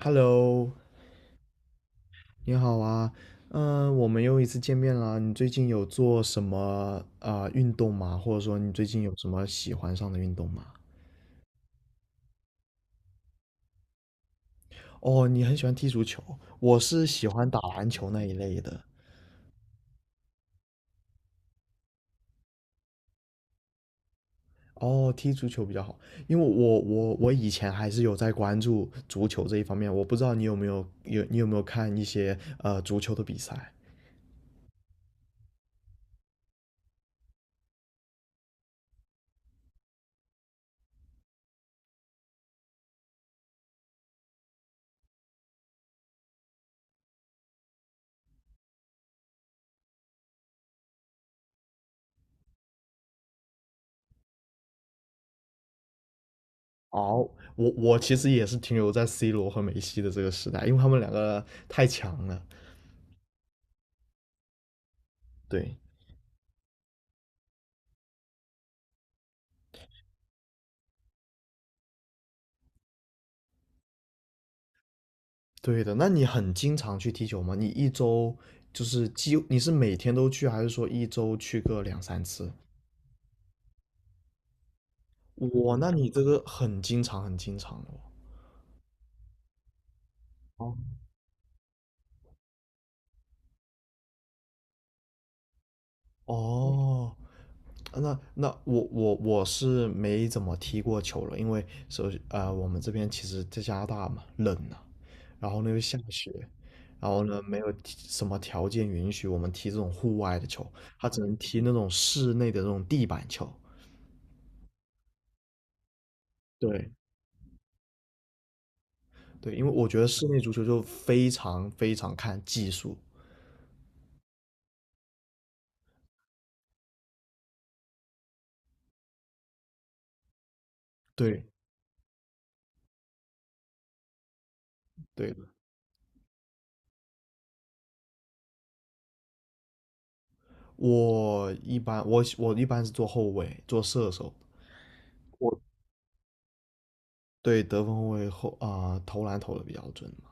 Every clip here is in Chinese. Hello，你好啊，嗯，我们又一次见面啦。你最近有做什么运动吗？或者说你最近有什么喜欢上的运动吗？哦，你很喜欢踢足球，我是喜欢打篮球那一类的。哦，踢足球比较好，因为我以前还是有在关注足球这一方面。我不知道你有没有看一些足球的比赛？哦，我其实也是停留在 C 罗和梅西的这个时代，因为他们两个太强了。对。对的，那你很经常去踢球吗？你一周就是几，你是每天都去，还是说一周去个两三次？哇，那你这个很经常，很经常了哦。哦，那我是没怎么踢过球了，因为我们这边其实在加拿大嘛，冷啊，然后呢又下雪，然后呢没有踢什么条件允许我们踢这种户外的球，他只能踢那种室内的这种地板球。对，对，因为我觉得室内足球就非常非常看技术。对对的。我一般是做后卫，做射手。我对得分后卫，投篮投的比较准嘛。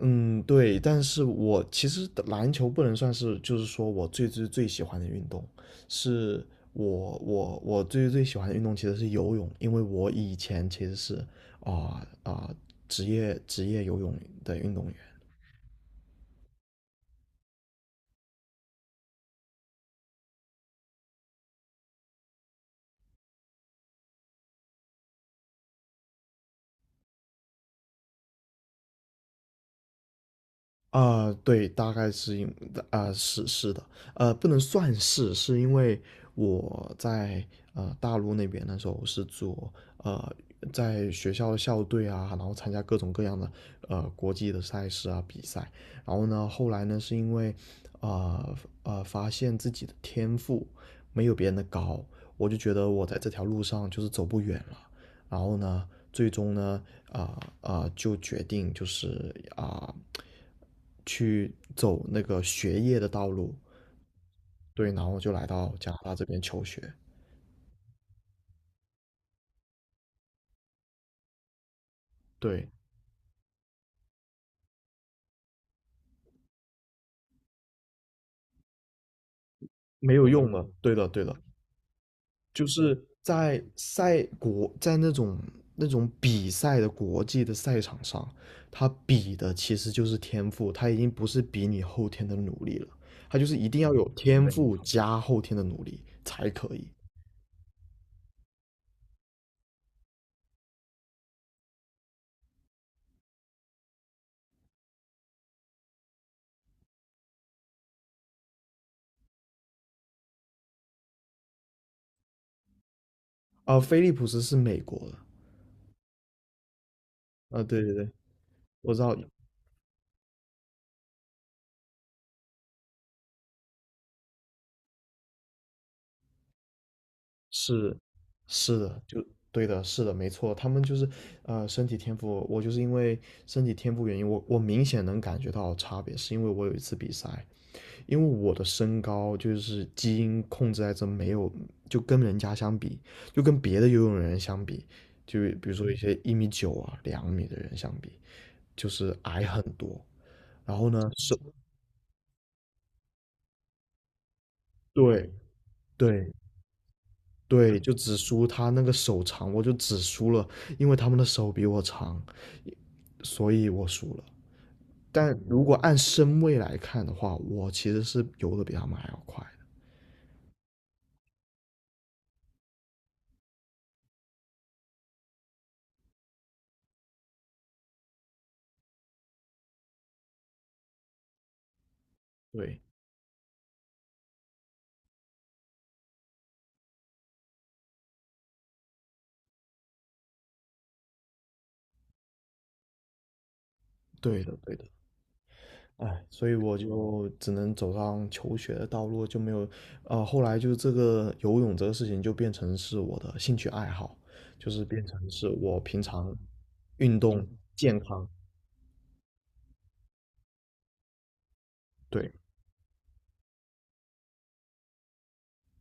嗯，对，但是我其实篮球不能算是，就是说我最最最喜欢的运动，是我最最喜欢的运动其实是游泳，因为我以前其实是啊啊、职业游泳的运动员。啊，对，大概是因啊，是的，不能算是，是因为我在大陆那边那时候是呃在学校的校队啊，然后参加各种各样的国际的赛事啊比赛，然后呢，后来呢是因为啊发现自己的天赋没有别人的高，我就觉得我在这条路上就是走不远了，然后呢，最终呢，就决定就是啊、呃去走那个学业的道路，对，然后就来到加拿大这边求学，对，没有用的，对的，对的，就是在赛国，在那种比赛的国际的赛场上，他比的其实就是天赋，他已经不是比你后天的努力了，他就是一定要有天赋加后天的努力才可以。而菲利普斯是美国的，啊，对对对，我知道，是，是的，就对的，是的，没错，他们就是，身体天赋，我就是因为身体天赋原因，我明显能感觉到差别，是因为我有一次比赛，因为我的身高就是基因控制在这没有，就跟人家相比，就跟别的游泳人相比，就比如说一些1.9米啊、2米的人相比，就是矮很多，然后呢，是，对。对，对，就只输他那个手长，我就只输了，因为他们的手比我长，所以我输了。但如果按身位来看的话，我其实是游的比他们还要快的。对，对的，对的。哎，所以我就只能走上求学的道路，就没有，后来就这个游泳这个事情就变成是我的兴趣爱好，就是变成是我平常运动健康。对，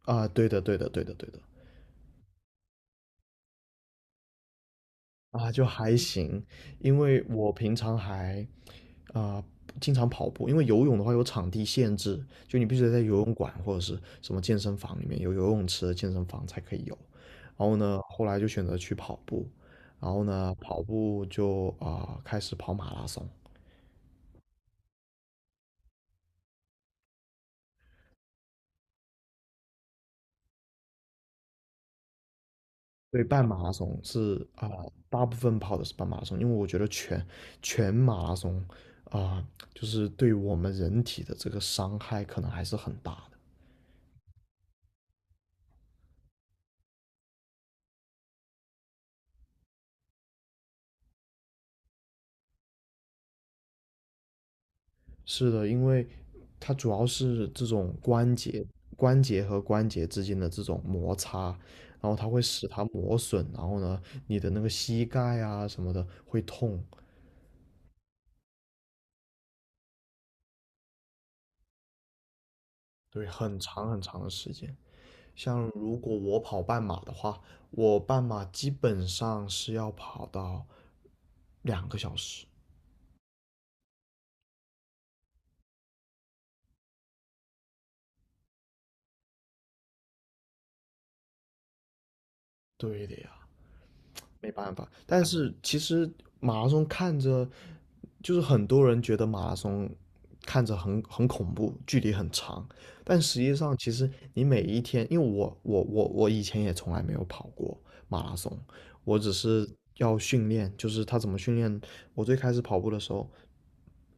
啊，对的，对的，对的，对的。啊，就还行，因为我平常还啊、经常跑步，因为游泳的话有场地限制，就你必须得在游泳馆或者是什么健身房里面有游泳池的健身房才可以游。然后呢，后来就选择去跑步，然后呢，跑步就开始跑马拉松。对，半马拉松是啊、大部分跑的是半马拉松，因为我觉得全马拉松啊、就是对我们人体的这个伤害可能还是很大的。是的，因为它主要是这种关节、关节和关节之间的这种摩擦，然后它会使它磨损，然后呢，你的那个膝盖啊什么的会痛，对，很长很长的时间。像如果我跑半马的话，我半马基本上是要跑到2个小时。对的呀，没办法。但是其实马拉松看着，就是很多人觉得马拉松看着很恐怖，距离很长，但实际上其实你每一天，因为我以前也从来没有跑过马拉松，我只是要训练，就是他怎么训练。我最开始跑步的时候，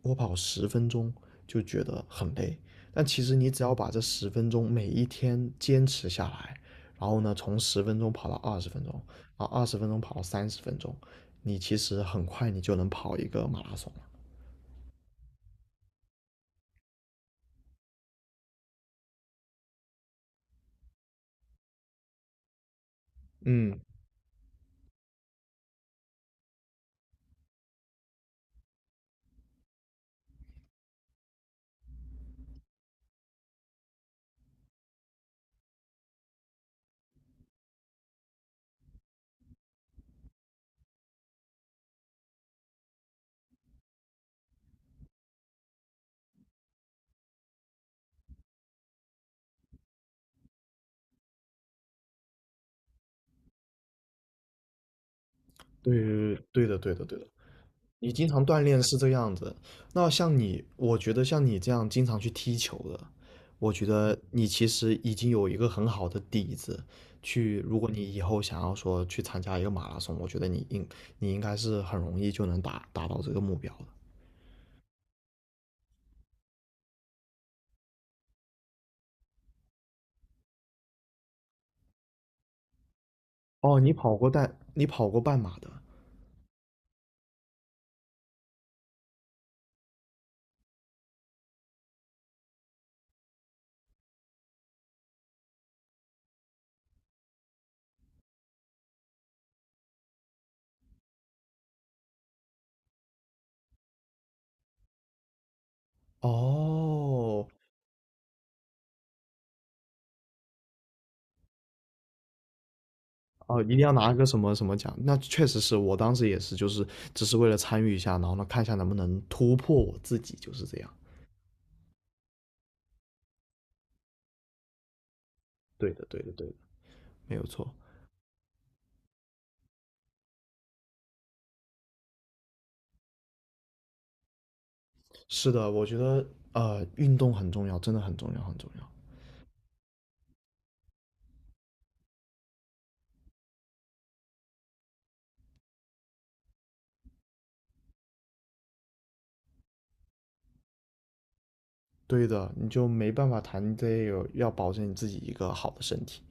我跑十分钟就觉得很累，但其实你只要把这十分钟每一天坚持下来，然后呢，从十分钟跑到二十分钟，啊，二十分钟跑30分钟，你其实很快你就能跑一个马拉松了。嗯，对对的对的对的，你经常锻炼是这个样子。那像你，我觉得像你这样经常去踢球的，我觉得你其实已经有一个很好的底子。如果你以后想要说去参加一个马拉松，我觉得你应该是很容易就能达到这个目标的。哦，你跑过半马的。哦，哦，一定要拿个什么什么奖？那确实是我当时也是，就是只是为了参与一下，然后呢，看一下能不能突破我自己，就是这样。对的，对的，对的，没有错。是的，我觉得运动很重要，真的很重要，很重要。对的，你就没办法谈这个，要保证你自己一个好的身体。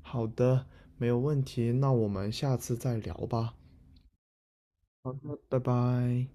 好的，没有问题。那我们下次再聊吧。好的，拜拜。